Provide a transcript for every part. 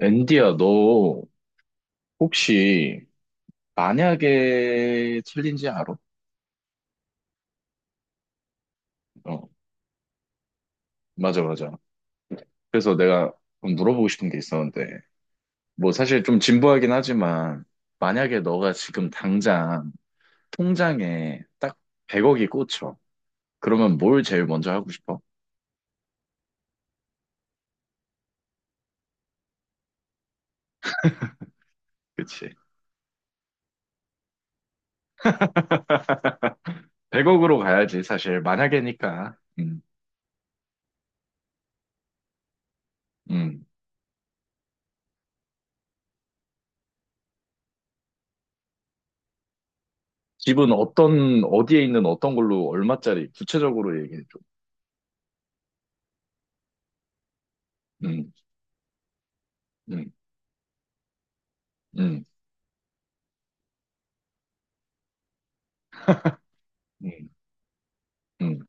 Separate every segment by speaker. Speaker 1: 앤디야, 너 혹시 만약에 챌린지 알아? 어, 맞아, 맞아. 그래서 내가 좀 물어보고 싶은 게 있었는데, 뭐 사실 좀 진부하긴 하지만, 만약에 너가 지금 당장 통장에 딱 100억이 꽂혀. 그러면 뭘 제일 먼저 하고 싶어? 그치. 100억으로 가야지, 사실. 만약에니까. 음. 집은 어떤, 어디에 있는 어떤 걸로 얼마짜리, 구체적으로 얘기해줘. 음, 음, 음, 음, 음.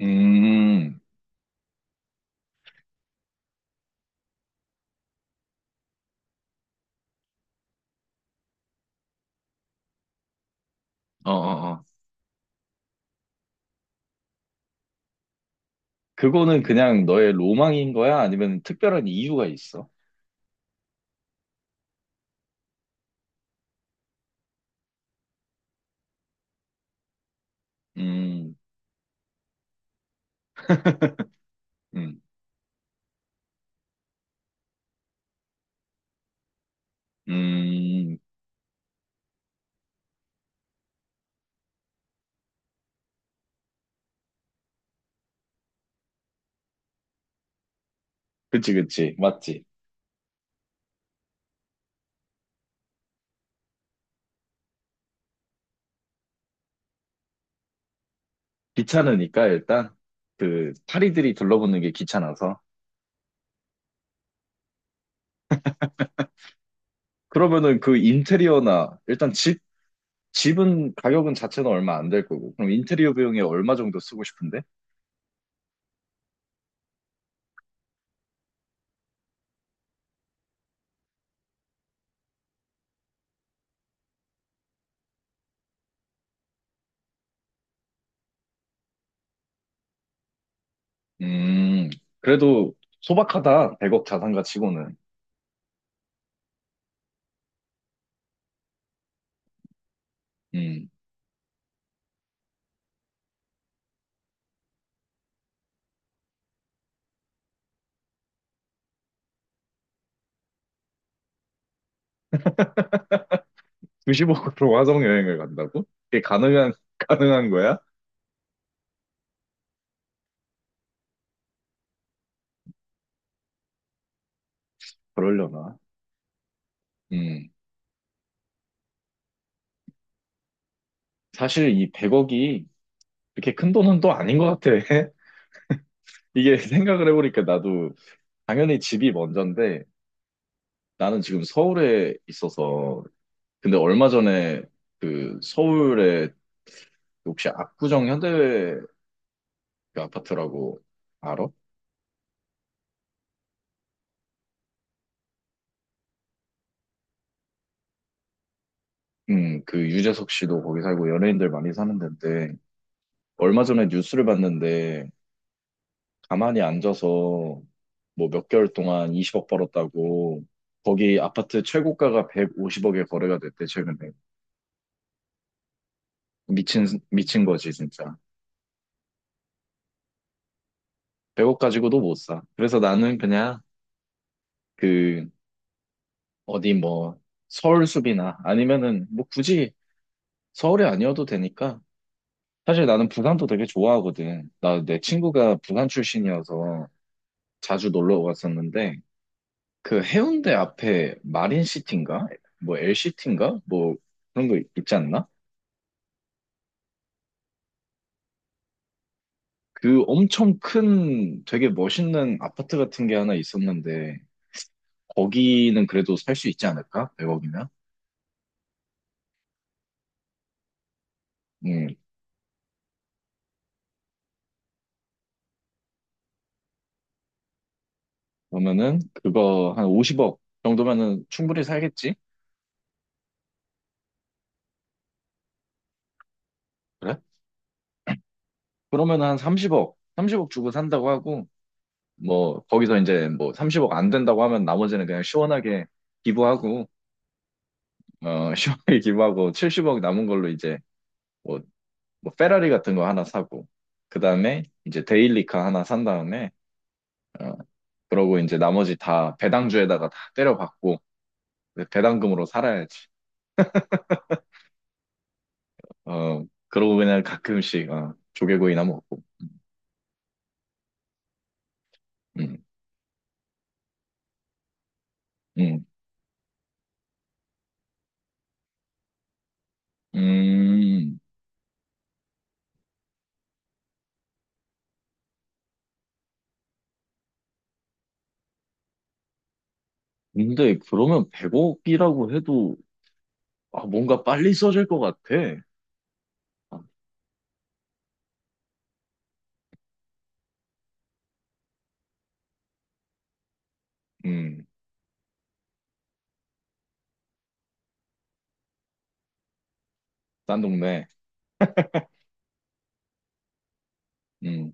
Speaker 1: 음, 어, 어, 어. 그거는 그냥 너의 로망인 거야? 아니면 특별한 이유가 있어? 음, 음, 음. 그치, 그치. 맞지. 귀찮으니까 일단 그 파리들이 둘러붙는 게 귀찮아서. 그러면은 그 인테리어나 일단 집은 가격은 자체는 얼마 안 될 거고. 그럼 인테리어 비용에 얼마 정도 쓰고 싶은데? 음, 그래도 소박하다. 100억 자산가 치고는. 음, 20억으로 화성 여행을 간다고? 그게 가능한, 가능한 거야? 그러려나? 음. 사실 이 100억이 그렇게 큰 돈은 또 아닌 것 같아. 이게 생각을 해보니까 나도 당연히 집이 먼저인데 나는 지금 서울에 있어서 근데 얼마 전에 그 서울에 혹시 압구정 현대 그 아파트라고 알아? 그 유재석 씨도 거기 살고 연예인들 많이 사는 데인데 얼마 전에 뉴스를 봤는데 가만히 앉아서 뭐 몇 개월 동안 20억 벌었다고 거기 아파트 최고가가 150억에 거래가 됐대 최근에. 미친 미친 거지 진짜. 100억 가지고도 못 사. 그래서 나는 그냥 그 어디 뭐 서울숲이나 아니면은 뭐 굳이 서울이 아니어도 되니까 사실 나는 부산도 되게 좋아하거든. 나 내 친구가 부산 출신이어서 자주 놀러 갔었는데 그 해운대 앞에 마린시티인가 뭐 엘시티인가 뭐 그런 거 있지 않나? 그 엄청 큰 되게 멋있는 아파트 같은 게 하나 있었는데 거기는 그래도 살 수 있지 않을까? 100억이면? 음. 그러면은 그거 한 50억 정도면은 충분히 살겠지? 그래? 그러면은 한 30억, 30억 주고 산다고 하고 뭐 거기서 이제 뭐 30억 안 된다고 하면 나머지는 그냥 시원하게 기부하고, 어, 시원하게 기부하고 70억 남은 걸로 이제 뭐, 뭐 페라리 같은 거 하나 사고 그다음에 이제 데일리카 하나 산 다음에, 어, 그러고 이제 나머지 다 배당주에다가 다 때려박고 배당금으로 살아야지. 어, 그러고 그냥 가끔씩, 어, 조개구이나 먹고. 음, 음, 음. 근데 그러면 100억이라고 해도 아, 뭔가 빨리 써질 것 같아. 아, 음, 딴 동네. 음,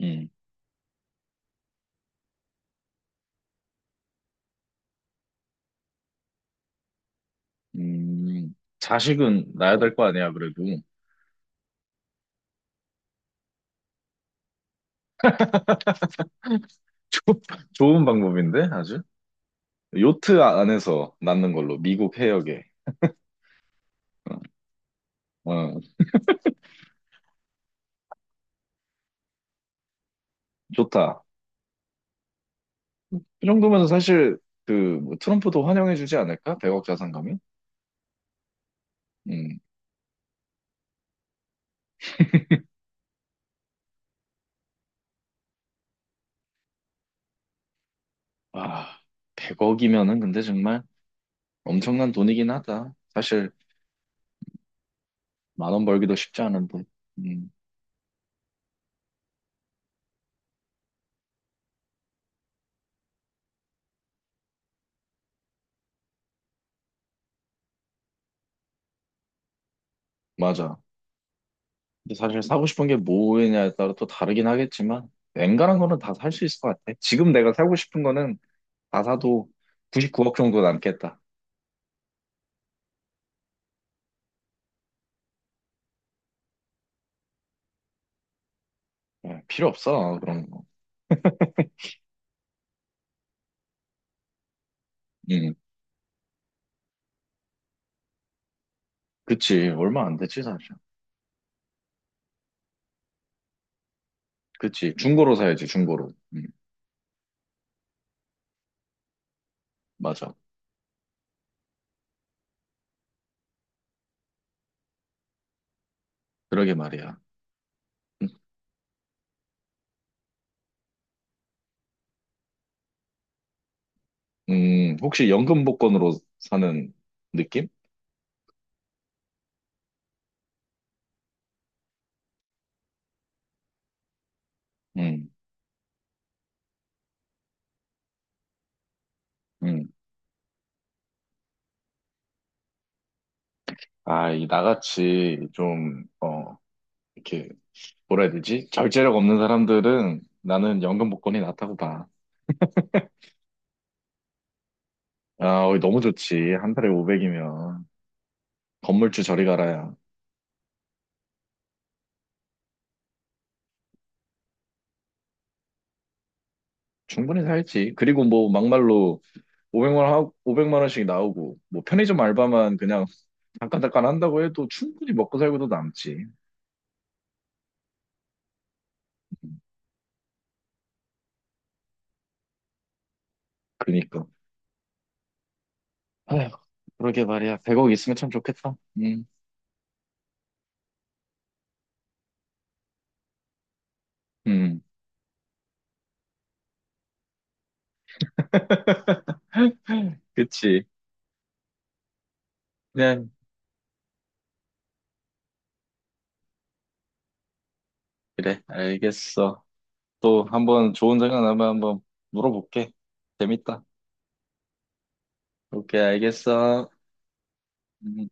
Speaker 1: 음, 자식은 낳아야 될 거 아니야, 그래도. 좋- 좋은 방법인데, 아주. 요트 안에서 낳는 걸로, 미국 해역에. 어, 어, 좋다. 그 정도면 사실 그뭐 트럼프도 환영해주지 않을까? 100억 자산감이? 음. 아, 100억이면은 근데 정말 엄청난 돈이긴 하다. 사실 만원 벌기도 쉽지 않은데. 음, 맞아. 근데 사실 사고 싶은 게 뭐냐에 따라 또 다르긴 하겠지만 웬간한 거는 다 살 수 있을 것 같아. 지금 내가 사고 싶은 거는 다 사도 99억 정도 남겠다. 예, 필요 없어 그런 거. 음, 그치. 얼마 안 되지 사실. 그치. 중고로 사야지 중고로. 맞아. 그러게 말이야. 음. 혹시 연금 복권으로 사는 느낌? 음, 음. 아, 이 나같이 좀, 어, 이렇게, 뭐라 해야 되지? 절제력 없는 사람들은 나는 연금 복권이 낫다고 봐. 아, 어, 너무 좋지. 한 달에 500이면. 건물주 저리 가라야. 충분히 살지. 그리고 뭐, 막말로 500만, 하고, 5만 원씩 나오고, 뭐, 편의점 알바만 그냥 잠깐잠깐 한다고 해도 충분히 먹고 살고도 남지. 음, 그니까. 아휴, 그러게 말이야. 100억 있으면 참 좋겠다. 음. 그치. 그냥, 그래. 알겠어. 또 한번 좋은 생각 나면 한번 물어볼게. 재밌다. 오케이, 알겠어. 음.